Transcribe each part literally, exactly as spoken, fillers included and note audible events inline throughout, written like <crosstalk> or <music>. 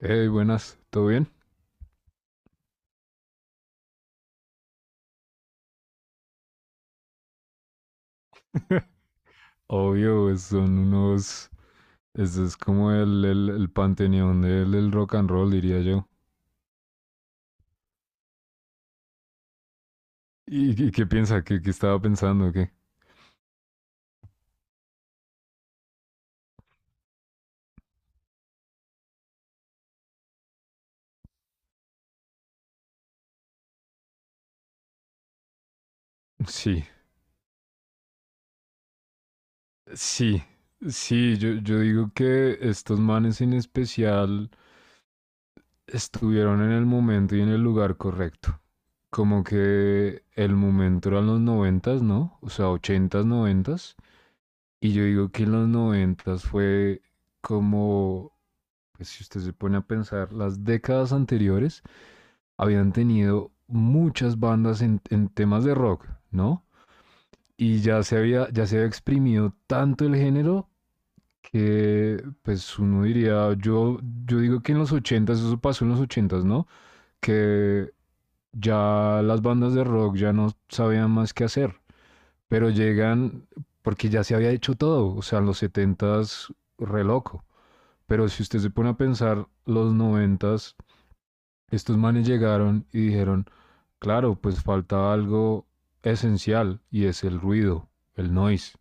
Hey, buenas, ¿todo bien? Obvio, es- son unos. Este es como el, el, el panteón del, del rock and roll, diría yo. ¿Y, y qué piensa? ¿Qué, qué estaba pensando? ¿Qué? Sí, sí, sí, yo, yo digo que estos manes en especial estuvieron en el momento y en el lugar correcto. Como que el momento eran los noventas, ¿no? O sea, ochentas, noventas. Y yo digo que en los noventas fue como, pues si usted se pone a pensar, las décadas anteriores habían tenido muchas bandas en, en temas de rock, ¿no? Y ya se había, ya se había exprimido tanto el género que, pues uno diría, yo, yo digo que en los ochentas, eso pasó en los ochentas, ¿no? Que ya las bandas de rock ya no sabían más qué hacer, pero llegan, porque ya se había hecho todo, o sea, en los setentas, re loco, pero si usted se pone a pensar, los noventas. Estos manes llegaron y dijeron, claro, pues falta algo esencial y es el ruido, el noise.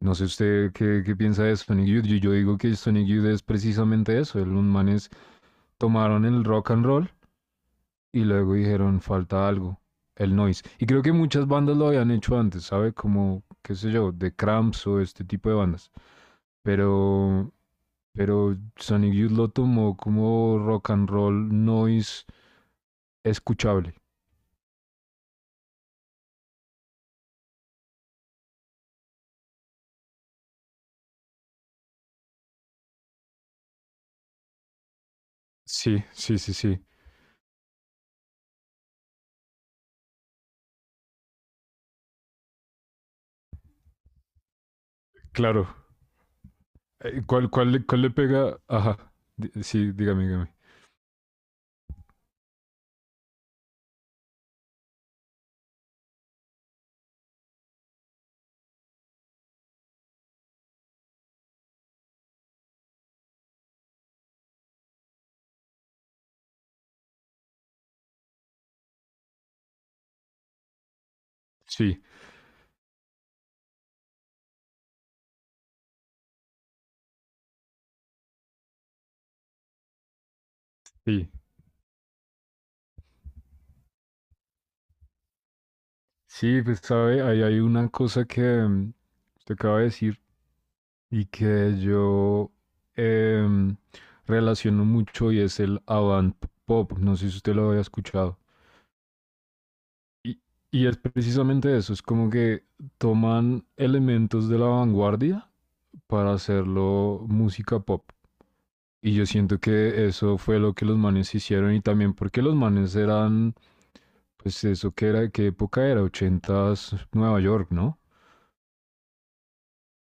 No sé usted qué, qué piensa de Sonic Youth. Yo, yo digo que Sonic Youth es precisamente eso. Los manes tomaron el rock and roll y luego dijeron, falta algo, el noise. Y creo que muchas bandas lo habían hecho antes, ¿sabe? Como, qué sé yo, de Cramps o este tipo de bandas. Pero, pero Sonic Youth lo tomó como rock and roll noise escuchable. Sí, sí, sí, sí. Claro. Eh, ¿Cuál, cuál, le- cuál le pega? Ajá. Di- Sí, dígame, dígame. Sí, sí. Sí, pues sabe, ahí hay una cosa que mm, usted acaba de decir y que yo em, relaciono mucho, y es el avant pop. No sé si usted lo había escuchado. Y, y es precisamente eso, es como que toman elementos de la vanguardia para hacerlo música pop. Y yo siento que eso fue lo que los manes hicieron, y también porque los manes eran, pues eso que era, ¿qué época era? Ochentas Nueva York, ¿no?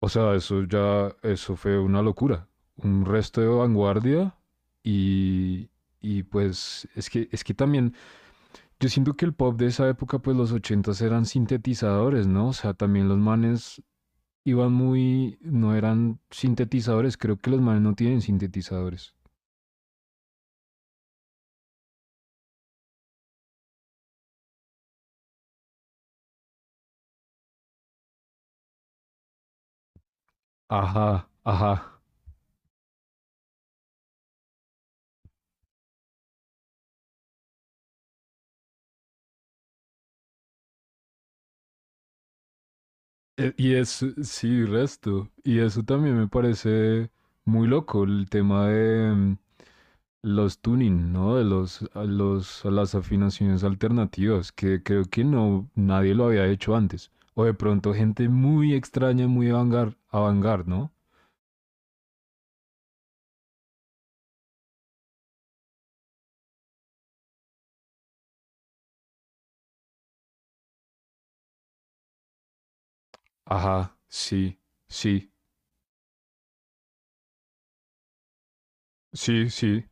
O sea, eso ya, eso fue una locura. Un resto de vanguardia y, y pues es que, es que también, yo siento que el pop de esa época, pues los ochentas eran sintetizadores, ¿no? O sea, también los manes iban muy, no eran sintetizadores, creo que los manes no tienen sintetizadores. Ajá, ajá. Eh, Y es, sí, resto. Y eso también me parece muy loco, el tema de mm, los tuning, ¿no? De los, a los, a las afinaciones alternativas, que creo que no, nadie lo había hecho antes. O de pronto gente muy extraña, muy avangar, avangar, ¿no? Ajá, sí, sí, sí, sí,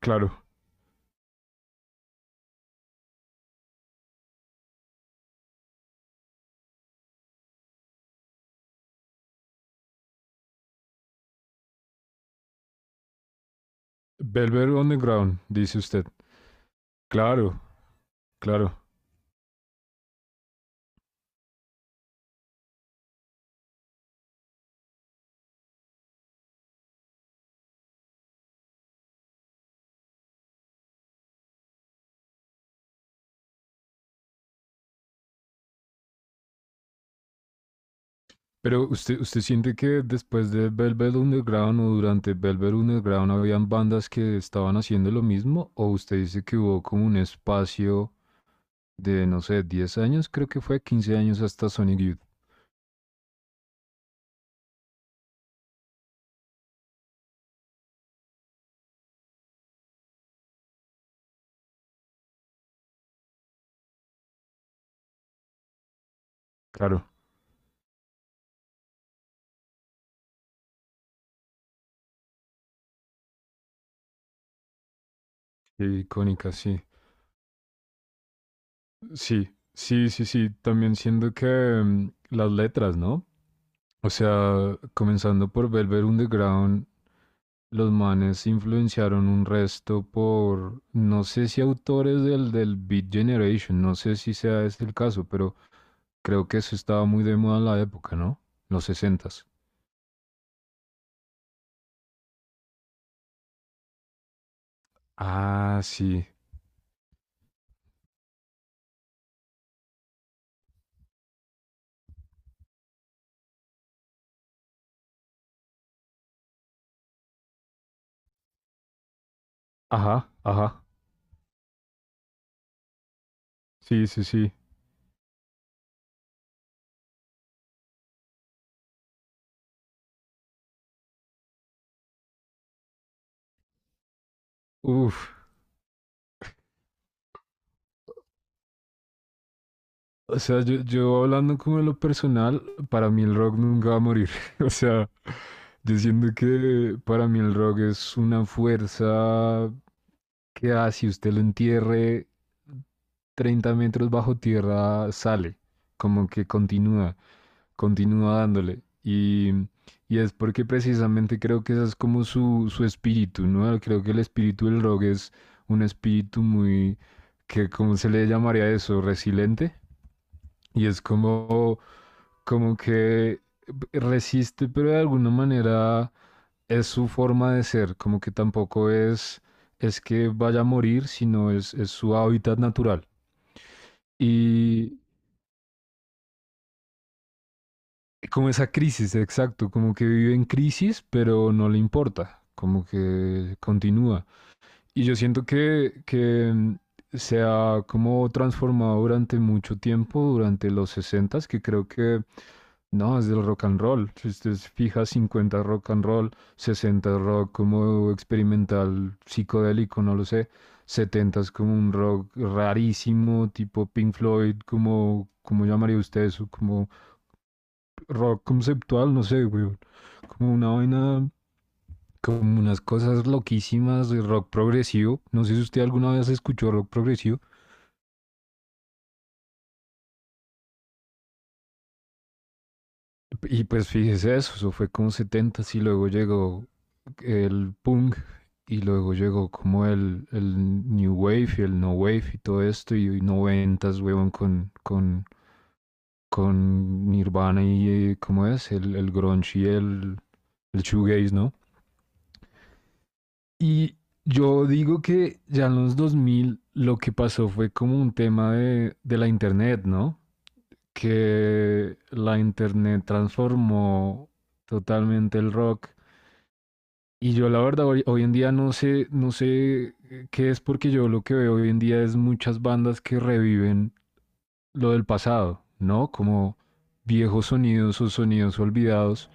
claro. Velvet Underground, dice usted. Claro, claro. Pero usted, usted siente que después de Velvet Underground o durante Velvet Underground habían bandas que estaban haciendo lo mismo, o usted dice que hubo como un espacio de, no sé, diez años, creo que fue quince años hasta Sonic Youth. Claro, qué icónica, sí. Sí, sí, sí, sí. También siento que mm, las letras, ¿no? O sea, comenzando por Velvet Underground, los manes influenciaron un resto por, no sé si autores del, del Beat Generation, no sé si sea este el caso, pero creo que eso estaba muy de moda en la época, ¿no? Los sesentas. Ah, sí. Ajá, ajá. Sí, sí, sí. Uf. O sea, yo, yo hablando como de lo personal, para mí el rock nunca va a morir. <laughs> O sea, yo siento que para mí el rock es una fuerza que así usted lo entierre treinta metros bajo tierra, sale, como que continúa, continúa dándole. Y, y es porque precisamente creo que ese es como su, su espíritu, ¿no? Creo que el espíritu del rock es un espíritu muy, que, ¿cómo se le llamaría eso? Resiliente. Y es como, como que resiste, pero de alguna manera es su forma de ser, como que tampoco es, es que vaya a morir, sino es, es su hábitat natural. Y como esa crisis, exacto, como que vive en crisis, pero no le importa, como que continúa. Y yo siento que, que mm, se ha como transformado durante mucho tiempo, durante los sesentas, que creo que no, es del rock and roll. Si usted se fija, cincuenta rock and roll, sesenta rock como experimental, psicodélico, no lo sé. los setentas es como un rock rarísimo, tipo Pink Floyd, como, ¿cómo llamaría usted eso? Como rock conceptual, no sé, güey. Como una vaina, como unas cosas loquísimas de rock progresivo. No sé si usted alguna vez escuchó rock progresivo. Y pues fíjese eso, eso fue como los setenta y luego llegó el punk y luego llegó como el, el New Wave y el No Wave y todo esto, y y noventas, weón, con, con, con Nirvana y eh, ¿cómo es? El, el grunge y el, el shoegaze, ¿no? Y yo digo que ya en los dos mil lo que pasó fue como un tema de, de la internet, ¿no? Que la internet transformó totalmente el rock. Y yo la verdad hoy, hoy en día no sé, no sé eh, qué es, porque yo lo que veo hoy en día es muchas bandas que reviven lo del pasado, ¿no? Como viejos sonidos o sonidos olvidados,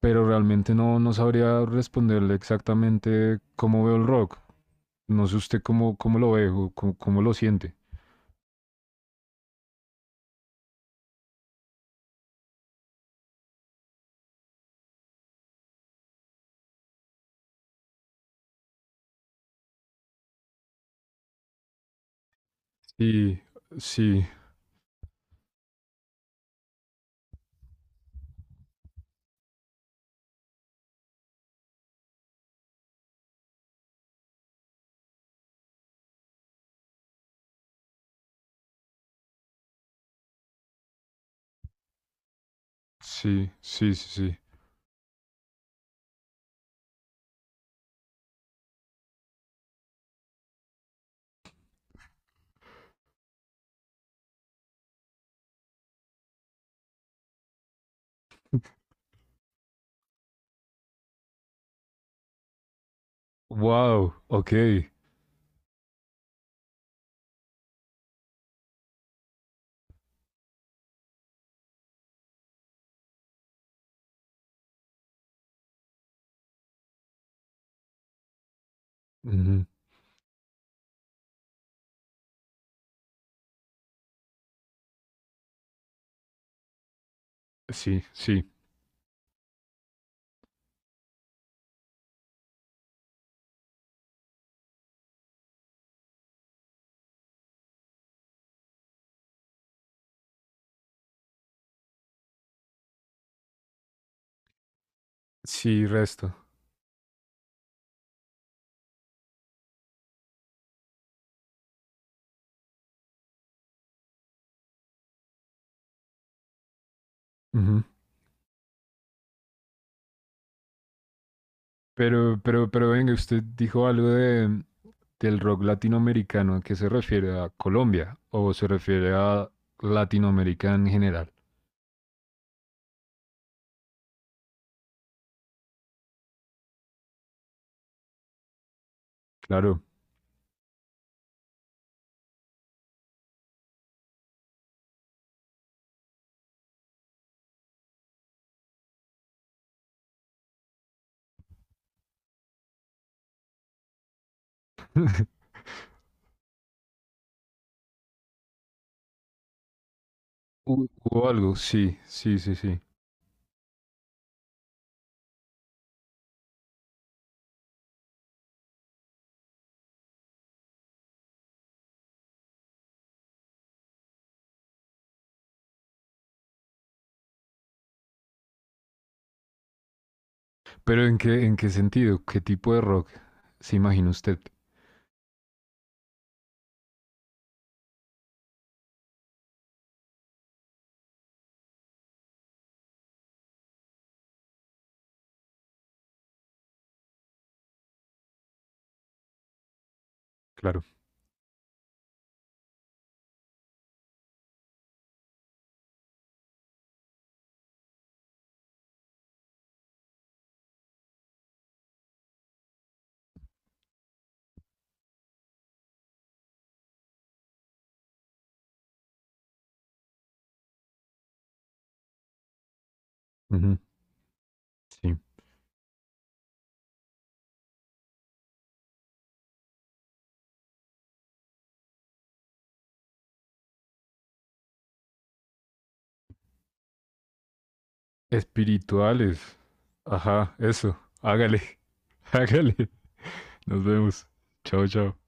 pero realmente no, no sabría responderle exactamente cómo veo el rock. No sé usted cómo, cómo lo ve o cómo, cómo lo siente. Sí, sí, sí, sí, sí, sí. Wow, ok. Ujú. Sí, sí, sí, resto. Ujú. Pero, pero, pero venga, usted dijo algo de, del rock latinoamericano. ¿A qué se refiere? ¿A Colombia? ¿O se refiere a Latinoamérica en general? Claro. Hu- Hubo algo, sí, sí, sí, sí. Pero ¿en qué, en qué sentido? ¿Qué tipo de rock se imagina usted? Claro. Ujú. Sí. Espirituales. Ajá, eso. Hágale. <laughs> Hágale. Nos vemos. Chao, chao.